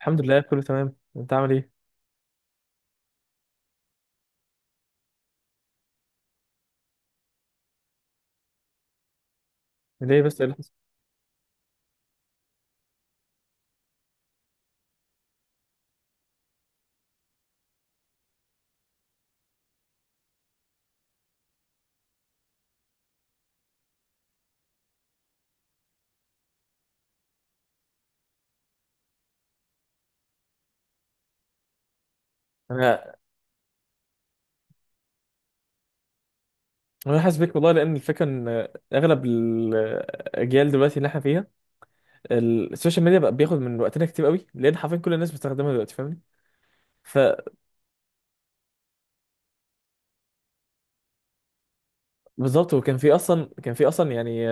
الحمد لله كله تمام، انت عامل ايه؟ ليه بس ايه اللي حصل؟ انا انا حاسس بيك والله، لان الفكره ان اغلب الاجيال دلوقتي اللي احنا فيها السوشيال ميديا بقى بياخد من وقتنا كتير قوي، لان حرفيا كل الناس بتستخدمها دلوقتي، فاهمني؟ فبالظبط. وكان في اصلا كان في اصلا يعني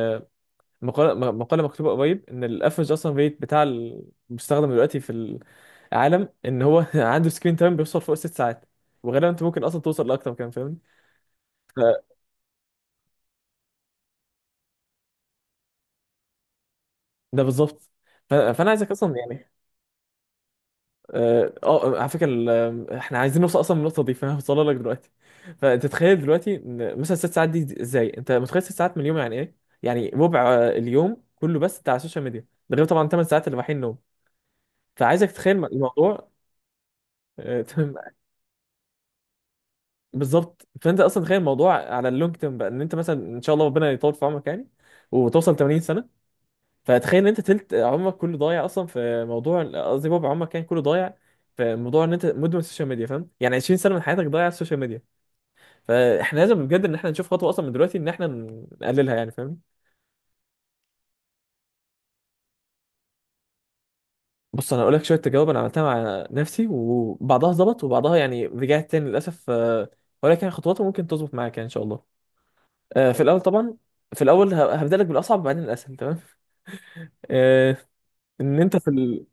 مقاله، مقاله مكتوبه قريب ان الافرج اصلا ريت بتاع المستخدم دلوقتي في العالم ان هو عنده سكرين تايم بيوصل فوق 6 ساعات، وغالبا انت ممكن اصلا توصل لاكتر كمان، فاهمني؟ فده بالظبط. فانا عايزك اصلا يعني اه، على فكره، احنا عايزين نوصل اصلا للنقطه دي، فانا هوصلها لك دلوقتي. فانت تخيل دلوقتي إن مثلا 6 ساعات دي، ازاي انت متخيل 6 ساعات من اليوم؟ يعني ايه؟ يعني ربع اليوم كله بس بتاع السوشيال ميديا، ده غير طبعا 8 ساعات اللي رايحين نوم. فعايزك تتخيل الموضوع. تمام. بالظبط، فانت اصلا تخيل الموضوع على اللونج تيرم بقى، ان انت مثلا ان شاء الله ربنا يطول في عمرك يعني وتوصل 80 سنه، فتخيل ان انت تلت عمرك كله ضايع اصلا في موضوع، قصدي ربع عمرك يعني كله ضايع في موضوع ان انت مدمن السوشيال ميديا، فاهم؟ يعني 20 سنه من حياتك ضايعه على السوشيال ميديا. فاحنا لازم بجد ان احنا نشوف خطوه اصلا من دلوقتي ان احنا نقللها، يعني فاهم؟ بص انا هقول لك شويه تجارب انا عملتها مع نفسي، وبعضها ظبط وبعضها يعني رجعت تاني للاسف، ولكن يعني خطواته ممكن تظبط معاك يعني ان شاء الله. في الاول طبعا، في الاول هبدا لك بالاصعب وبعدين الاسهل، تمام؟ آه، ان انت في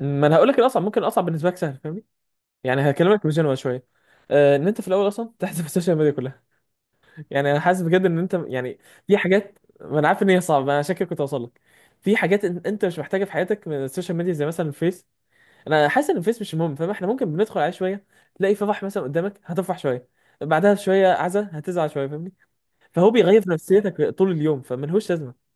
ما انا هقول لك الاصعب، ممكن الاصعب بالنسبه لك سهل، فاهمني؟ يعني هكلمك بجنوة شويه. ان انت في الاول اصلا تحذف السوشيال ميديا كلها، يعني انا حاسس بجد ان انت يعني في حاجات، ما انا عارف ان هي صعبه، انا عشان كده كنت اوصل لك في حاجات انت مش محتاجها في حياتك من السوشيال ميديا، زي مثلا الفيس. انا حاسس ان الفيس مش مهم، فاهم؟ احنا ممكن بندخل عليه شويه، تلاقي فرح مثلا قدامك هتفرح شويه، بعدها شويه عزا هتزعل شويه، فاهمني؟ فهو بيغير في نفسيتك طول اليوم، فملهوش لازمه.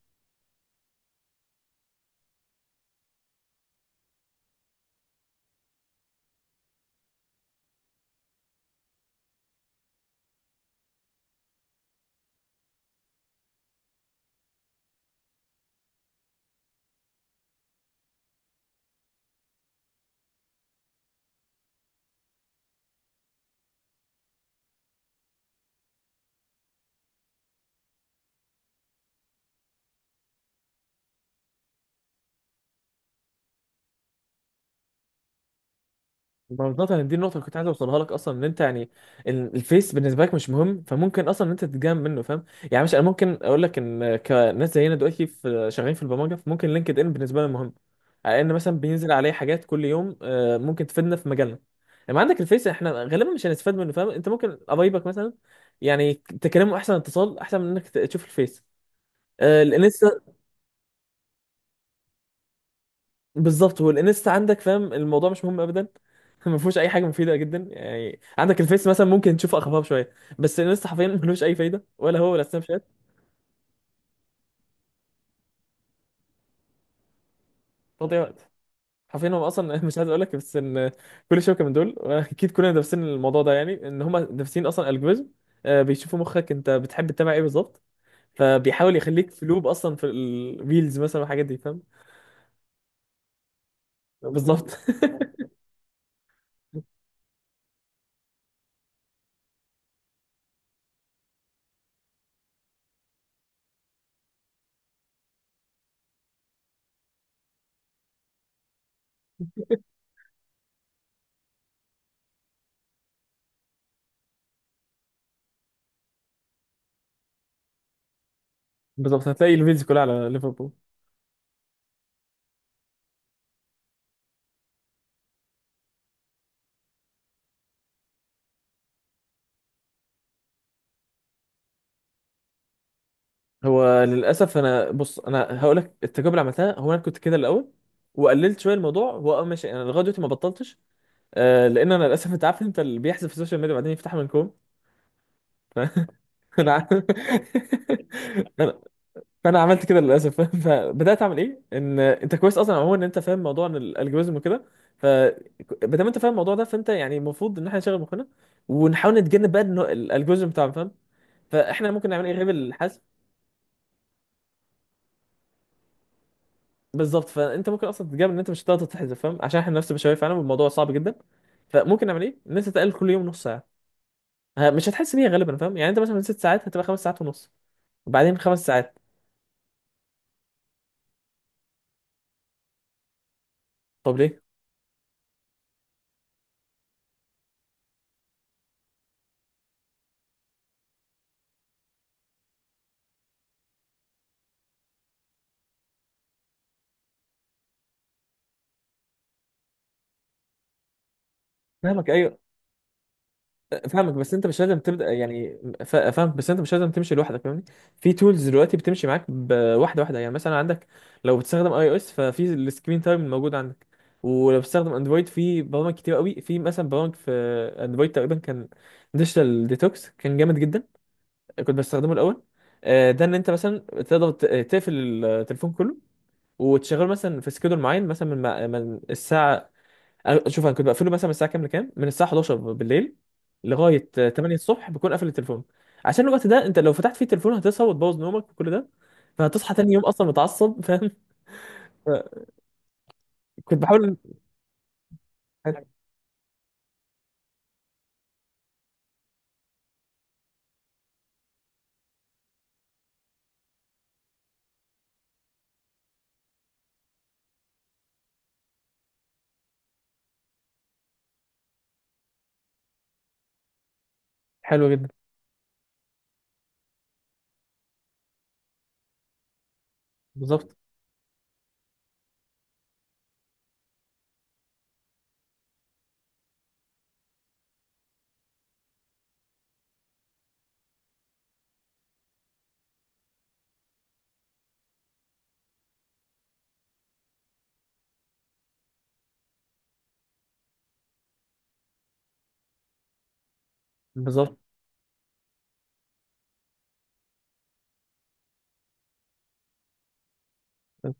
بالظبط، يعني دي النقطة اللي كنت عايز اوصلها لك اصلا، ان انت يعني الفيس بالنسبة لك مش مهم، فممكن اصلا ان انت تتجنب منه، فاهم؟ يعني مش، انا ممكن اقول لك ان كناس زينا دلوقتي في شغالين في البرمجة، فممكن لينكد ان بالنسبة لنا مهم، على ان مثلا بينزل عليه حاجات كل يوم ممكن تفيدنا في مجالنا. لما عندك الفيس احنا غالبا مش هنستفاد منه، فاهم؟ انت ممكن قرايبك مثلا يعني تكلمه، احسن اتصال احسن من انك تشوف الفيس. الانستا بالظبط، هو الانستا عندك، فاهم؟ الموضوع مش مهم ابدا، ما فيهوش اي حاجه مفيده جدا. يعني عندك الفيس مثلا ممكن تشوفه اخبار شويه، بس الانستا حرفيا ملوش اي فايده، ولا هو ولا سناب شات. تضيع وقت، حرفيا هم اصلا مش عايز اقول لك، بس ان كل شبكه من دول، واكيد كلنا دارسين الموضوع ده، يعني ان هم دارسين اصلا الجوريزم، بيشوفوا مخك انت بتحب تتابع ايه بالظبط، فبيحاول يخليك في لوب اصلا في الريلز مثلا والحاجات دي، فاهم؟ بالظبط. بالظبط، هتلاقي الفيديو كلها على ليفربول. هو للاسف انا، بص انا هقول لك التجربه اللي عملتها، هو انا كنت كده الاول وقللت شويه الموضوع، هو اه ماشي، انا لغايه دلوقتي ما بطلتش آه، لان انا للاسف انت عارف، انت اللي بيحذف في السوشيال ميديا بعدين يفتحها من كوم. انا ع- انا فانا عملت كده للاسف. فبدات اعمل ايه، ان انت كويس اصلا عموما ان انت فاهم موضوع إن الالجوريزم وكده، ف ما دام انت فاهم الموضوع ده، فانت يعني المفروض ان احنا نشغل مخنا ونحاول نتجنب بقى إنه الالجوريزم بتاعنا، فاهم؟ فاحنا ممكن نعمل ايه غير الحذف؟ بالظبط، فانت ممكن اصلا تتجنب ان انت مش هتقدر تتحذف، فاهم؟ عشان احنا نفس البشويه فعلا والموضوع صعب جدا. فممكن نعمل ايه؟ ان انت تقلل كل يوم نص ساعه، مش هتحس بيها غالبا، فاهم؟ يعني انت مثلا من 6 ساعات هتبقى 5 ساعات ونص، وبعدين 5 ساعات. طب ليه؟ فاهمك ايوه. فاهمك بس انت مش لازم تبدا يعني، فاهمك بس انت مش لازم تمشي لوحدك، فاهمني؟ في تولز دلوقتي بتمشي معاك بواحده واحده، يعني مثلا عندك، لو بتستخدم اي او اس ففي السكرين تايم الموجود عندك، ولو بتستخدم اندرويد في برامج كتير قوي، في مثلا برامج في اندرويد تقريبا كان ديجيتال ديتوكس، كان جامد جدا، كنت بستخدمه الاول. ده ان انت مثلا تقدر تقفل التليفون كله وتشغله مثلا في سكيدول معين، مثلا من من الساعه، شوف انا كنت بقفله مثلا من الساعه كام لكام، من الساعه 11 بالليل لغايه 8 الصبح بكون قافل التليفون، عشان الوقت ده انت لو فتحت فيه التليفون هتصحى وتبوظ نومك وكل ده، فهتصحى تاني يوم اصلا متعصب. فاهم؟ كنت بحاول. حلو جدا. بالظبط. بالظبط،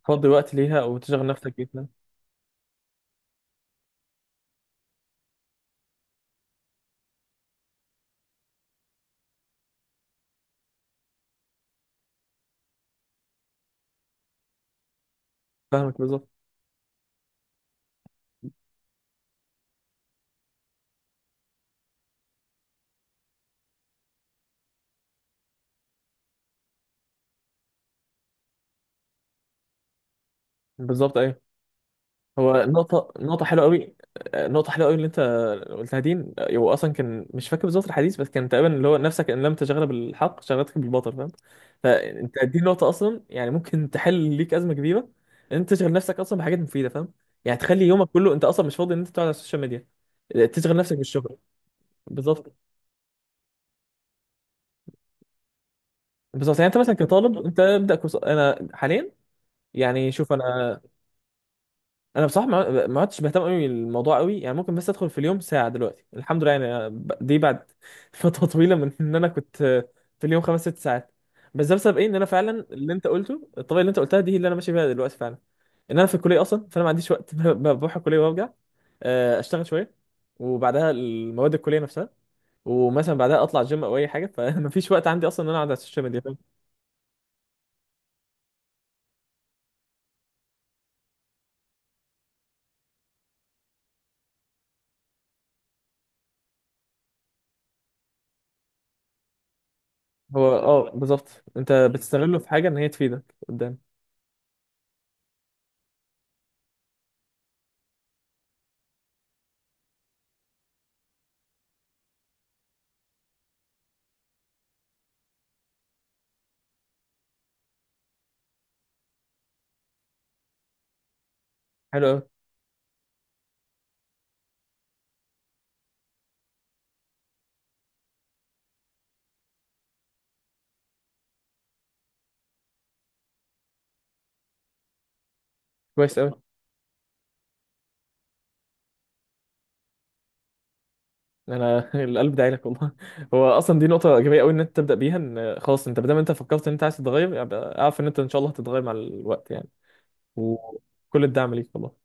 تفضي وقت ليها وتشغل نفسك جدا. فاهمك بالظبط. بالظبط ايوه. هو نقطة، نقطة حلوة قوي، نقطة حلوة قوي اللي انت قلتها دي. هو اصلا كان مش فاكر بالظبط الحديث، بس كان تقريبا اللي هو نفسك ان لم تشغل بالحق شغلتك بالباطل، فاهم؟ فانت دي نقطة اصلا يعني ممكن تحل ليك أزمة كبيرة، ان انت تشغل نفسك اصلا بحاجات مفيدة، فاهم؟ يعني تخلي يومك كله انت اصلا مش فاضي ان انت تقعد على السوشيال ميديا. تشغل نفسك بالشغل. بالظبط. بالظبط، يعني انت مثلا كطالب انت ابدا كورس. انا حاليا يعني، شوف انا، انا بصراحه ما عدتش بهتم قوي بالموضوع قوي، يعني ممكن بس ادخل في اليوم ساعه دلوقتي، الحمد لله. يعني أنا دي بعد فتره طويله من ان انا كنت في اليوم 5 6 ساعات. بس ده بسبب ايه؟ ان انا فعلا اللي انت قلته، الطريقه اللي انت قلتها دي هي اللي انا ماشي بيها دلوقتي فعلا، ان انا في الكليه اصلا، فانا ما عنديش وقت، بروح الكليه وارجع، اشتغل شويه، وبعدها المواد الكليه نفسها، ومثلا بعدها اطلع جيم او اي حاجه، فمفيش وقت عندي اصلا ان انا اقعد على السوشيال ميديا، فاهم؟ هو اه بالظبط، انت بتستغله في حاجه ان هي تفيدك قدام. حلو قوي. كويس قوي. انا القلب داعي لك والله، هو اصلا دي نقطه ايجابيه قوي ان انت تبدا بيها، ان خلاص انت ما دام انت فكرت ان انت عايز تتغير، يبقى اعرف ان انت ان شاء الله هتتغير مع الوقت يعني. وكل الدعم ليك والله.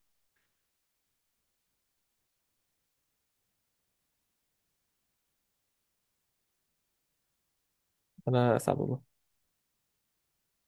انا اسعد والله.